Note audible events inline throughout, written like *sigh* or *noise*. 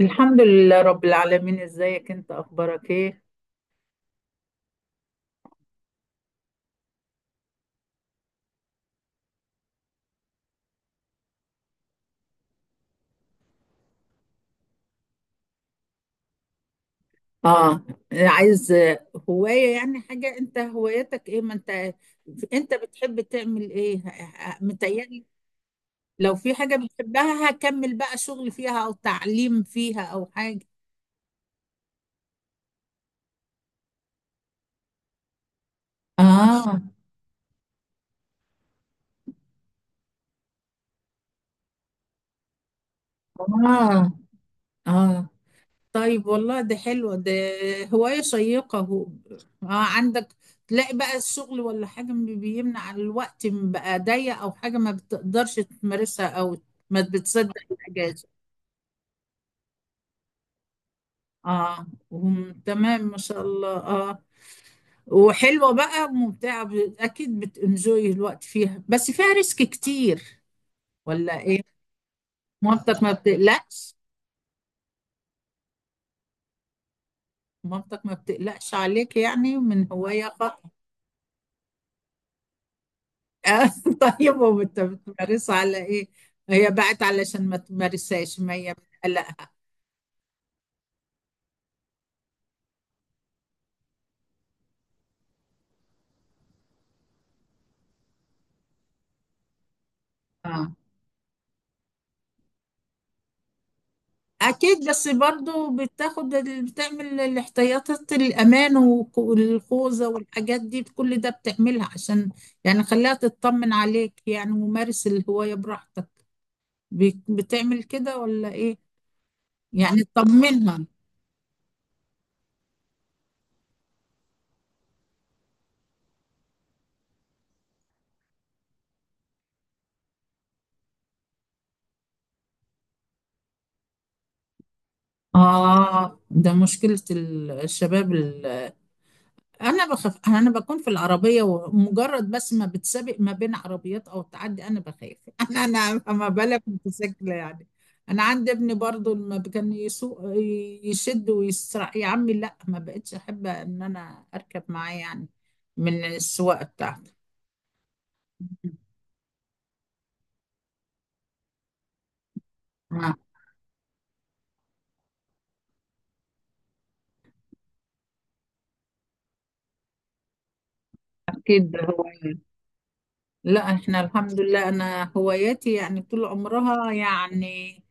الحمد لله رب العالمين. ازيك انت؟ اخبارك ايه؟ اه، عايز هواية يعني؟ حاجة، انت هوايتك ايه؟ ما انت، انت بتحب تعمل ايه؟ متهيألي لو في حاجة بتحبها هكمل بقى شغل فيها او تعليم فيها او حاجة. اه. اه. اه. طيب، والله ده حلوة ده، هواية شيقة هو. آه، عندك تلاقي بقى الشغل ولا حاجة بيمنع؟ الوقت بقى ضيق أو حاجة ما بتقدرش تمارسها، أو ما بتصدق الأجازة؟ اه، تمام، ما شاء الله. اه، وحلوة بقى ممتعة، أكيد بتنجوي الوقت فيها، بس فيها ريسك كتير ولا إيه؟ مامتك ما بتقلقش؟ مامتك ما بتقلقش عليك يعني من هواية؟ آه، *laughs* طيب، وبتمارسها على ايه؟ هي بقت علشان ما تمارسهاش، ما هي بتقلقها. اه اكيد، بس برضو بتاخد بتعمل الاحتياطات، الامان والخوذه والحاجات دي، كل ده بتعملها عشان يعني خليها تطمن عليك، يعني ممارس الهوايه براحتك. بتعمل كده ولا ايه؟ يعني تطمنها. اه، ده مشكله الشباب. انا بخاف، انا بكون في العربيه ومجرد بس ما بتسابق ما بين عربيات او تعدي انا بخاف *laughs* انا انا ما بالك متسكله يعني. انا عندي ابني برضو لما كان يسوق يشد ويسرع، يا عمي لا، ما بقتش احب ان انا اركب معاه يعني، من السواقه بتاعته. *laughs* آه، اكيد هو. لا احنا الحمد لله، انا هواياتي يعني طول عمرها يعني،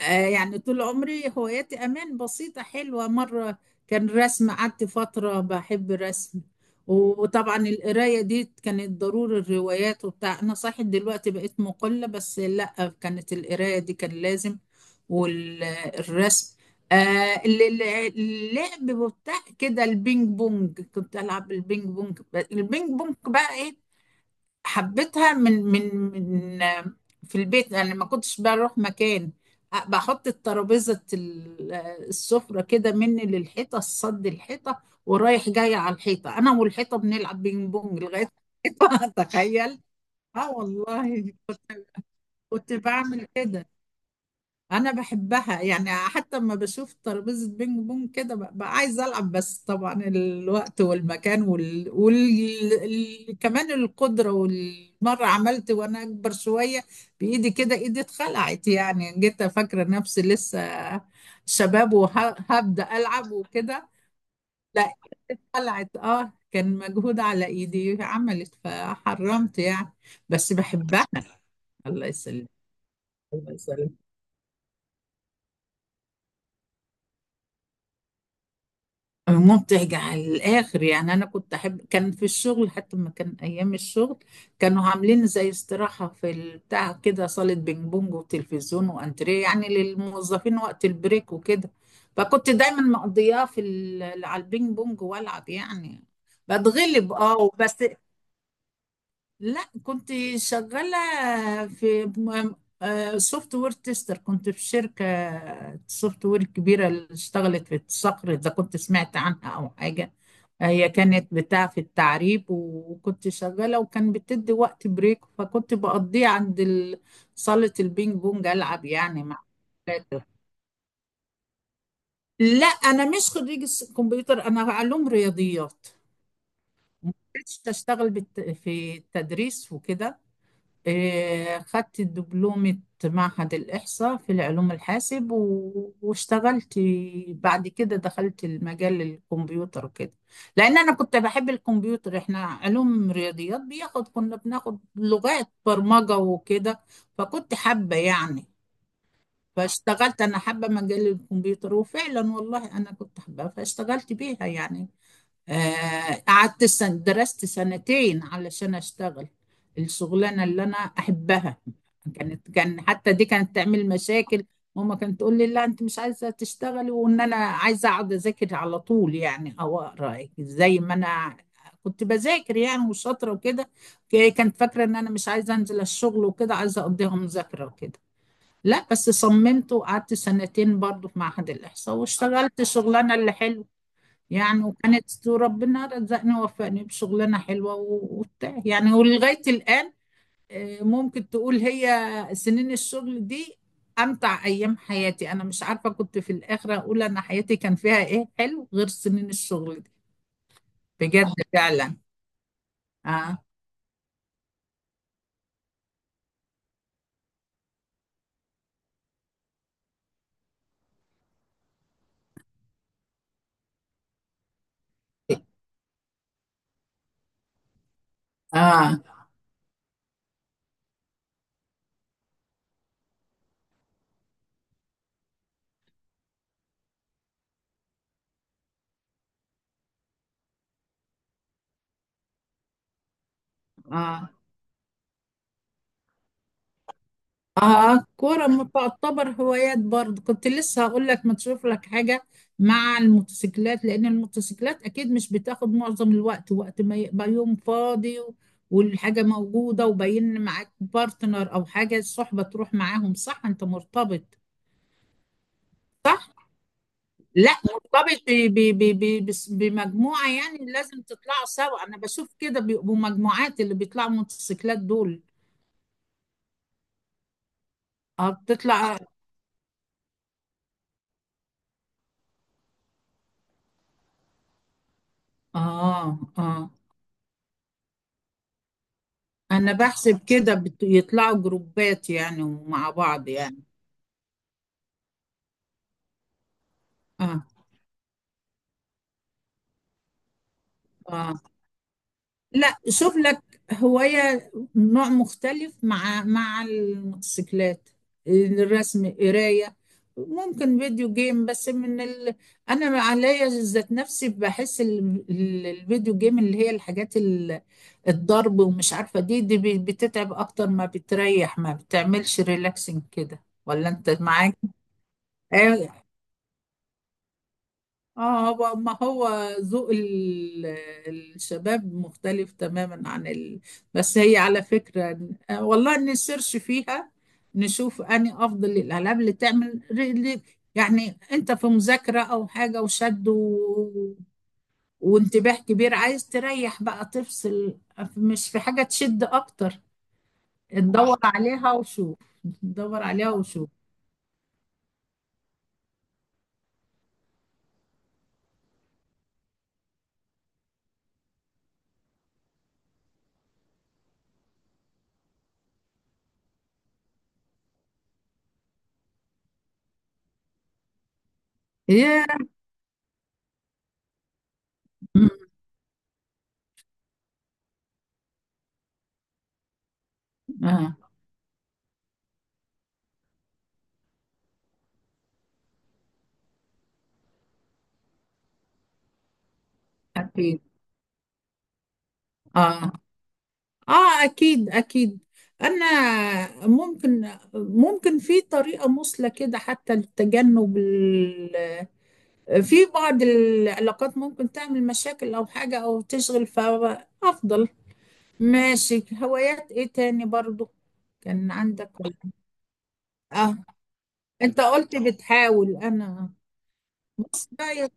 آه، يعني طول عمري هواياتي أمان، بسيطة حلوة مرة. كان رسم، قعدت فترة بحب الرسم. وطبعا القراية دي كانت ضروري، الروايات وبتاع. أنا صحيح دلوقتي بقيت مقلة، بس لأ كانت القراية دي كان لازم. والرسم. آه. ال- ال- اللعب بتاع كده، البينج بونج، كنت ألعب البينج بونج. البينج بونج بقى إيه، حبيتها من آه، في البيت انا ما كنتش بروح مكان. بحط الترابيزه آه، السفره كده مني للحيطه، الصد الحيطه، ورايح جاي على الحيطه، انا والحيطه بنلعب بينج بونج لغايه *laughs* الحيطه، تخيل. اه والله كنت، كنت بعمل كده. انا بحبها يعني، حتى لما بشوف ترابيزه بينج بونج كده ببقى عايزه العب، بس طبعا الوقت والمكان كمان القدره. والمره عملت وانا اكبر شويه بايدي كده، ايدي اتخلعت يعني، جيت فاكره نفسي لسه شباب وهبدا العب وكده. لا اتخلعت، اه كان مجهود على ايدي، عملت فحرمت يعني. بس بحبها. الله يسلمك. الله يسلمك. ممتع على الآخر يعني. أنا كنت أحب، كان في الشغل، حتى ما كان أيام الشغل كانوا عاملين زي استراحة في البتاع كده، صالة بينج بونج وتلفزيون وأنتريه يعني للموظفين وقت البريك وكده، فكنت دايما مقضياه على البينج بونج وألعب يعني. بتغلب، اه بس. لا كنت شغالة في، سوفت وير تيستر، كنت في شركة سوفت وير كبيرة اللي اشتغلت في الصقر، إذا كنت سمعت عنها أو حاجة. هي كانت بتاع في التعريب، وكنت شغالة، وكان بتدي وقت بريك، فكنت بقضيه عند صالة البينج بونج، ألعب يعني مع أولاده. لا أنا مش خريجة كمبيوتر، أنا علوم رياضيات. ما كنتش أشتغل في التدريس وكده. إيه، خدت دبلومة معهد الإحصاء في العلوم الحاسب واشتغلت. بعد كده دخلت المجال الكمبيوتر وكده، لأن أنا كنت بحب الكمبيوتر. إحنا علوم رياضيات بياخد، كنا بناخد لغات برمجة وكده، فكنت حابة يعني، فاشتغلت. أنا حابة مجال الكمبيوتر، وفعلا والله أنا كنت حابة فاشتغلت بيها يعني. آه، قعدت سن، درست سنتين علشان اشتغل الشغلانه اللي انا احبها. كانت كان حتى دي كانت تعمل مشاكل، ماما كانت تقول لي لا انت مش عايزه تشتغلي، وان انا عايزه اقعد اذاكر على طول يعني، او اقرا زي ما انا كنت بذاكر يعني وشاطره وكده. كانت فاكره ان انا مش عايزه انزل الشغل وكده، عايزه اقضيها مذاكره وكده. لا بس صممت، وقعدت سنتين برضه في معهد الاحصاء، واشتغلت شغلانه اللي حلوه يعني. وكانت ربنا رزقني ووفقني بشغلانة حلوة وبتاع يعني، ولغاية الآن، آه، ممكن تقول هي سنين الشغل دي أمتع أيام حياتي. أنا مش عارفة، كنت في الآخر أقول أنا حياتي كان فيها إيه حلو غير سنين الشغل دي. بجد فعلا. آه. آه. آه. اه، كورة ما تعتبر هوايات برضه، كنت لسه هقول لك ما تشوف لك حاجة مع الموتوسيكلات، لأن الموتوسيكلات أكيد مش بتاخد معظم الوقت، وقت ما يبقى يوم فاضي والحاجة موجودة وباين، معاك بارتنر أو حاجة الصحبة تروح معاهم. صح، أنت مرتبط؟ صح؟ لا مرتبط، بمجموعة يعني لازم تطلعوا سوا، أنا بشوف كده بيبقوا مجموعات اللي بيطلعوا موتوسيكلات دول. اه بتطلع اه. اه. آه. انا بحسب كده يطلعوا جروبات يعني مع بعض يعني. اه. اه. لا شوف لك هواية، نوع مختلف، مع مع الموتوسيكلات، الرسم، قراية، ممكن فيديو جيم، بس من انا عليا ذات نفسي بحس الفيديو جيم اللي هي الحاجات الضرب ومش عارفة، دي بتتعب اكتر ما بتريح، ما بتعملش ريلاكسنج كده، ولا انت معاك؟ أيوة. اه هو ما هو ذوق الشباب مختلف تماما عن بس هي على فكرة آه، والله نسيرش فيها. نشوف اني افضل الالعاب اللي تعمل يعني انت في مذاكرة او حاجة وشد وانتباه كبير، عايز تريح بقى، تفصل، مش في حاجة تشد اكتر، صح؟ ندور عليها وشوف. ندور عليها وشوف. هي. مم. آه. اكيد. اه. اه اكيد اكيد. انا ممكن، ممكن في طريقه مثلى كده حتى لتجنب في بعض العلاقات ممكن تعمل مشاكل او حاجه، او تشغل فافضل. ماشي، هوايات ايه تاني برضو كان عندك ولا-؟ اه انت قلت بتحاول، انا لا،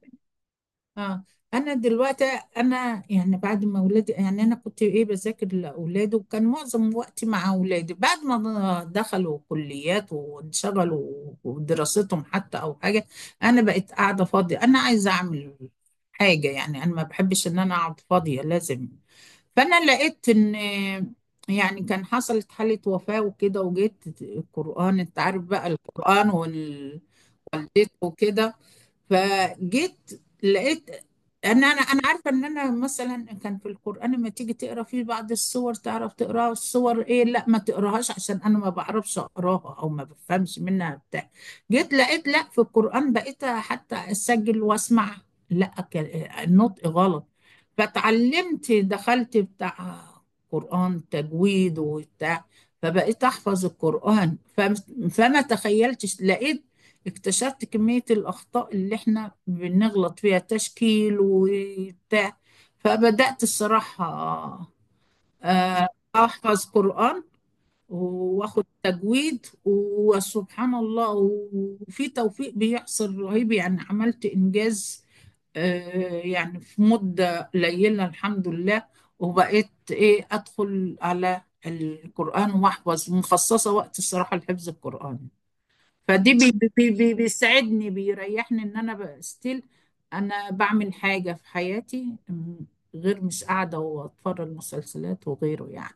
اه انا دلوقتي، انا يعني بعد ما ولادي، يعني انا كنت ايه بذاكر لاولادي، وكان معظم وقتي مع اولادي، بعد ما دخلوا كليات وانشغلوا ودراستهم حتى او حاجه، انا بقيت قاعده فاضيه، انا عايزه اعمل حاجه يعني، انا ما بحبش ان انا اقعد فاضيه، لازم. فانا لقيت ان يعني كان حصلت حاله وفاه وكده، وجيت القران، انت عارف بقى القران وكده. فجيت لقيت ان انا عارفه ان انا مثلا كان في القران لما تيجي تقرا فيه بعض السور، تعرف تقراها، السور ايه لا ما تقراهاش عشان انا ما بعرفش اقراها او ما بفهمش منها بتاع. جيت لقيت لا، في القران بقيت حتى اسجل واسمع، لا النطق غلط. فتعلمت، دخلت بتاع قران تجويد وبتاع. فبقيت احفظ القران، فما تخيلتش، لقيت، اكتشفت كمية الأخطاء اللي احنا بنغلط فيها، تشكيل وبتاع. فبدأت الصراحة آه، أحفظ قرآن وآخد تجويد. وسبحان الله وفي توفيق بيحصل رهيب يعني، عملت إنجاز آه، يعني في مدة قليلة الحمد لله. وبقيت إيه أدخل على القرآن وأحفظ، مخصصة وقت الصراحة لحفظ القرآن. فدي بي بيسعدني بيريحني ان انا بقى ستيل انا بعمل حاجة في حياتي، غير مش قاعدة واتفرج مسلسلات وغيره يعني.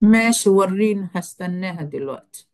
ماشي وريني، هستناها دلوقتي.